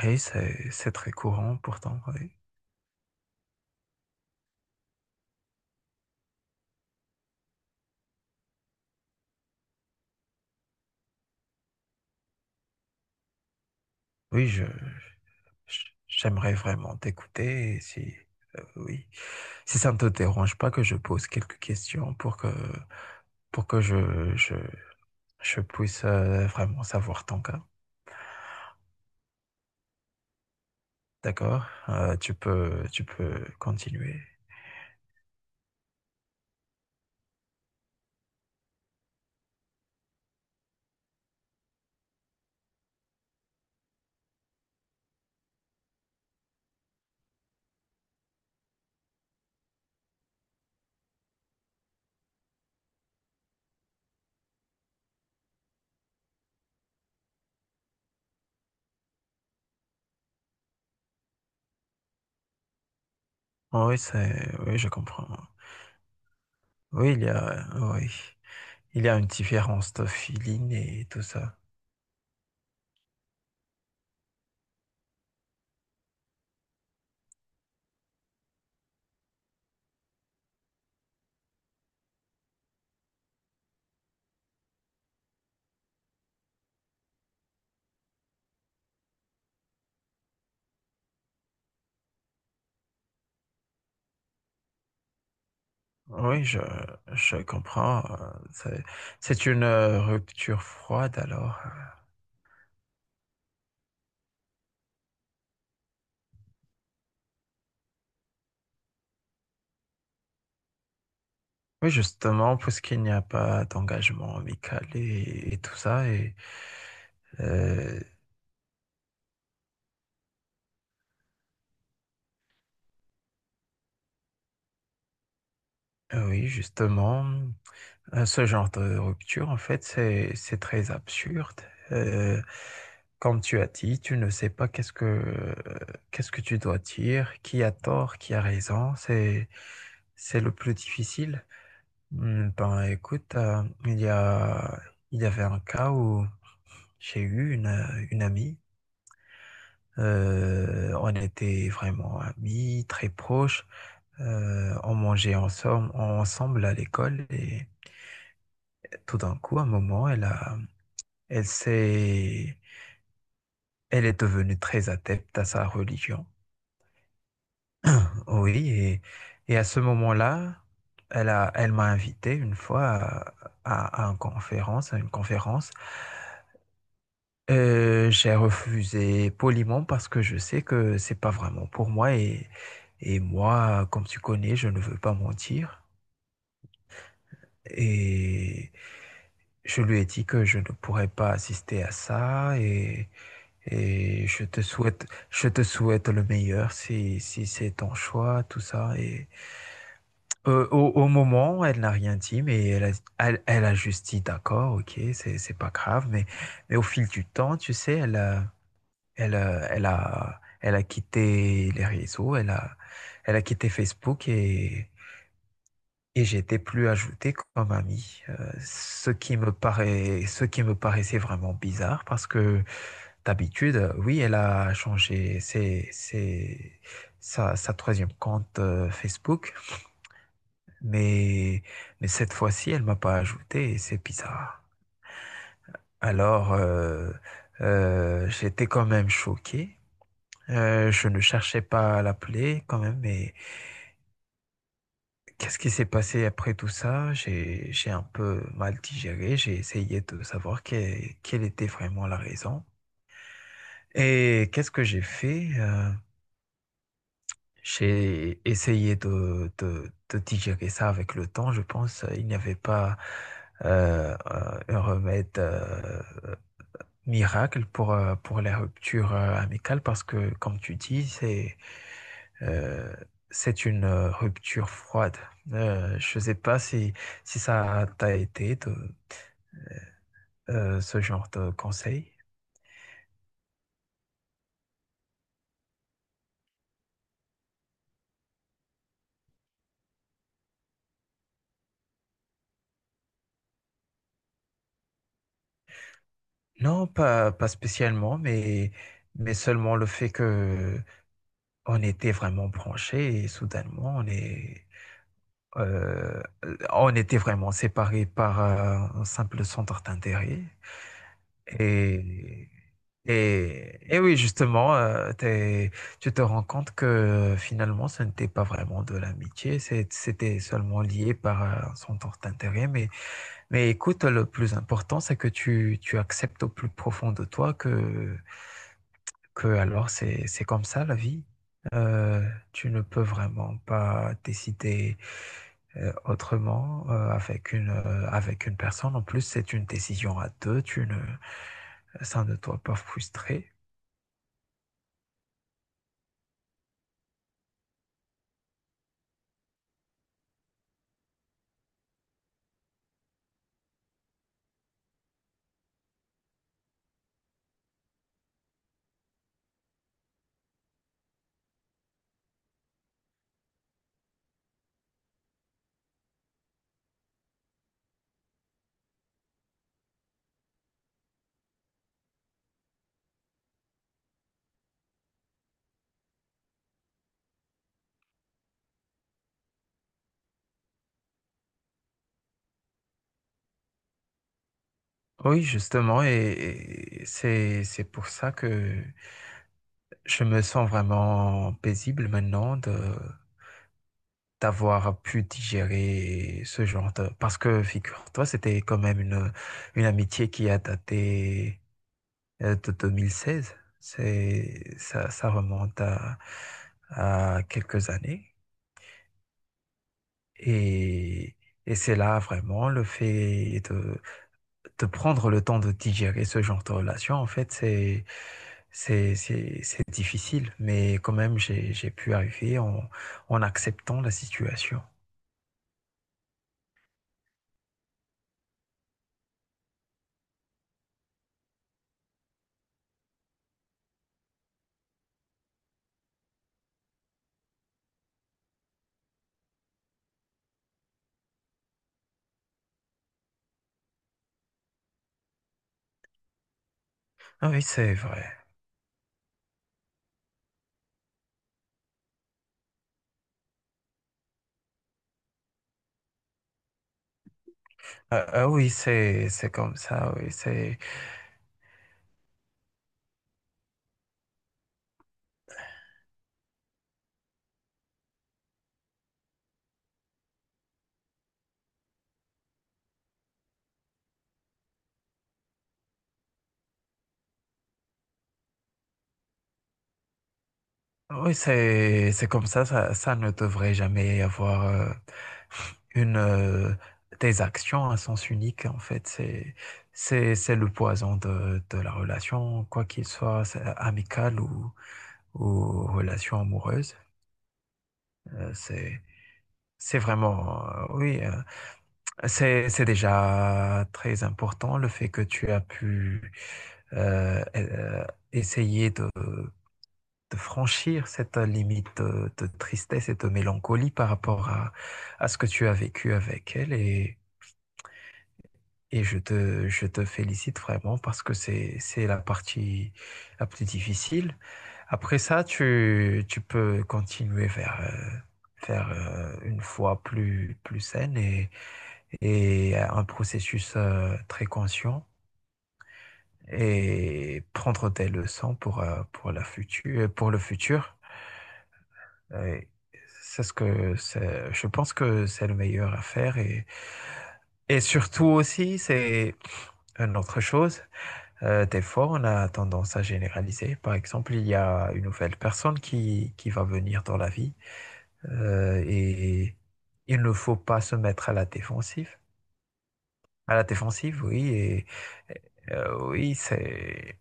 Oui, c'est très courant pourtant. Oui, oui, j'aimerais vraiment t'écouter. Et si oui, si ça ne te dérange pas que je pose quelques questions pour que je je puisse vraiment savoir ton cas. D'accord? Tu peux tu peux continuer. Ah oui, c'est oui, je comprends. Oui, il y a oui, il y a une différence de feeling et tout ça. Oui, je comprends. C'est une rupture froide alors. Oui, justement, puisqu'il n'y a pas d'engagement amical et tout ça. Et euh, oui, justement, ce genre de rupture, en fait, c'est très absurde. Euh, Comme tu as dit, tu ne sais pas qu'est-ce que, qu'est-ce que tu dois dire, qui a tort, qui a raison. C'est le plus difficile. Hmm, ben écoute, il y a, il y avait un cas où j'ai eu une amie. On était vraiment amis, très proches. On mangeait ensemble, ensemble à l'école et tout d'un coup, à un moment, elle a, elle s'est, elle est devenue très adepte à sa religion. Oui, et à ce moment-là, elle a, elle m'a invité une fois à, à une conférence, à une conférence. J'ai refusé poliment parce que je sais que c'est pas vraiment pour moi et moi, comme tu connais, je ne veux pas mentir. Et je lui ai dit que je ne pourrais pas assister à ça et je te souhaite le meilleur si, si c'est ton choix, tout ça. Et au, au moment, elle n'a rien dit, mais elle a, elle, elle a juste dit d'accord, ok, c'est pas grave, mais au fil du temps, tu sais, elle a elle, elle a, elle a quitté les réseaux, elle a, elle a quitté Facebook et j'étais plus ajouté comme ami. Ce qui me paraît, ce qui me paraissait vraiment bizarre parce que d'habitude, oui, elle a changé ses, sa, sa troisième compte Facebook, mais, mais cette fois-ci, elle m'a pas ajouté et c'est bizarre. Alors, j'étais quand même choqué. Je ne cherchais pas à l'appeler quand même, mais qu'est-ce qui s'est passé après tout ça? J'ai un peu mal digéré, j'ai essayé de savoir quelle, quelle était vraiment la raison. Et qu'est-ce que j'ai fait? J'ai essayé de, de digérer ça avec le temps, je pense. Il n'y avait pas un remède miracle pour la rupture amicales parce que, comme tu dis, euh, c'est une rupture froide. Je ne sais pas si, si ça t'a été ce genre de conseil. Non, pas, pas spécialement, mais seulement le fait que on était vraiment branchés et soudainement on est, euh, on était vraiment séparés par un simple centre d'intérêt. Et, et oui, justement, tu te rends compte que finalement ce n'était pas vraiment de l'amitié, c'était seulement lié par un centre d'intérêt. Mais écoute, le plus important, c'est que tu acceptes au plus profond de toi que alors c'est comme ça la vie. Euh, tu ne peux vraiment pas décider autrement avec une personne. En plus, c'est une décision à deux. Tu ne ça ne doit pas frustrer. Oui, justement, et c'est pour ça que je me sens vraiment paisible maintenant de d'avoir pu digérer ce genre de... Parce que, figure-toi, c'était quand même une amitié qui a daté de 2016. C'est, ça remonte à quelques années. Et, et c'est là vraiment le fait de prendre le temps de digérer ce genre de relation. En fait, c'est, c'est difficile, mais quand même, j'ai pu arriver en, en acceptant la situation. Ah oui, c'est vrai. Ah, ah oui, c'est comme ça. Oui, c'est. Oui, c'est comme ça ne devrait jamais y avoir une, des actions à sens unique, en fait. C'est, c'est le poison de la relation, quoi qu'il soit, c'est amicale ou relation amoureuse. Euh, c'est, c'est vraiment, oui, c'est déjà très important le fait que tu as pu euh, euh, essayer de franchir cette limite de tristesse et de mélancolie par rapport à ce que tu as vécu avec elle et je te félicite vraiment parce que c'est la partie la plus difficile. Après ça, tu peux continuer vers, vers une foi plus, plus saine et un processus très conscient et prendre tes leçons pour la future, pour le futur. Euh, c'est ce que je pense que c'est le meilleur à faire et surtout aussi, c'est une autre chose. Des fois, on a tendance à généraliser. Par exemple, il y a une nouvelle personne qui va venir dans la vie et il ne faut pas se mettre à la défensive. À la défensive, oui, et, oui, c'est.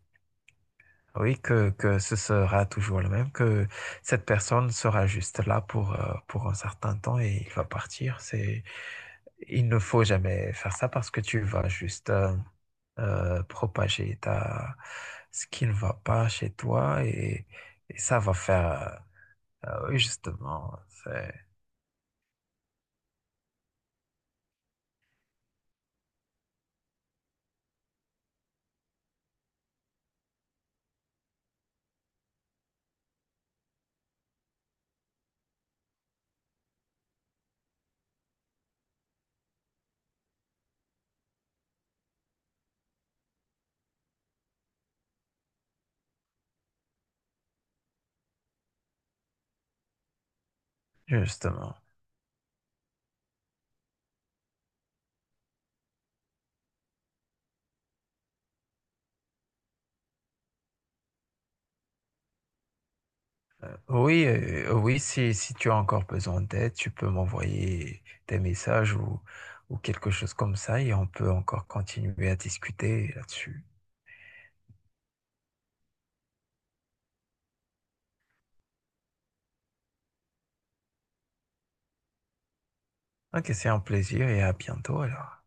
Oui, que ce sera toujours le même, que cette personne sera juste là pour un certain temps et il va partir. C'est, il ne faut jamais faire ça parce que tu vas juste propager ta, ce qui ne va pas chez toi et ça va faire oui, justement, c'est justement. Oui, oui, si, si tu as encore besoin d'aide, tu peux m'envoyer des messages ou quelque chose comme ça et on peut encore continuer à discuter là-dessus. Ok, c'est un plaisir et à bientôt alors.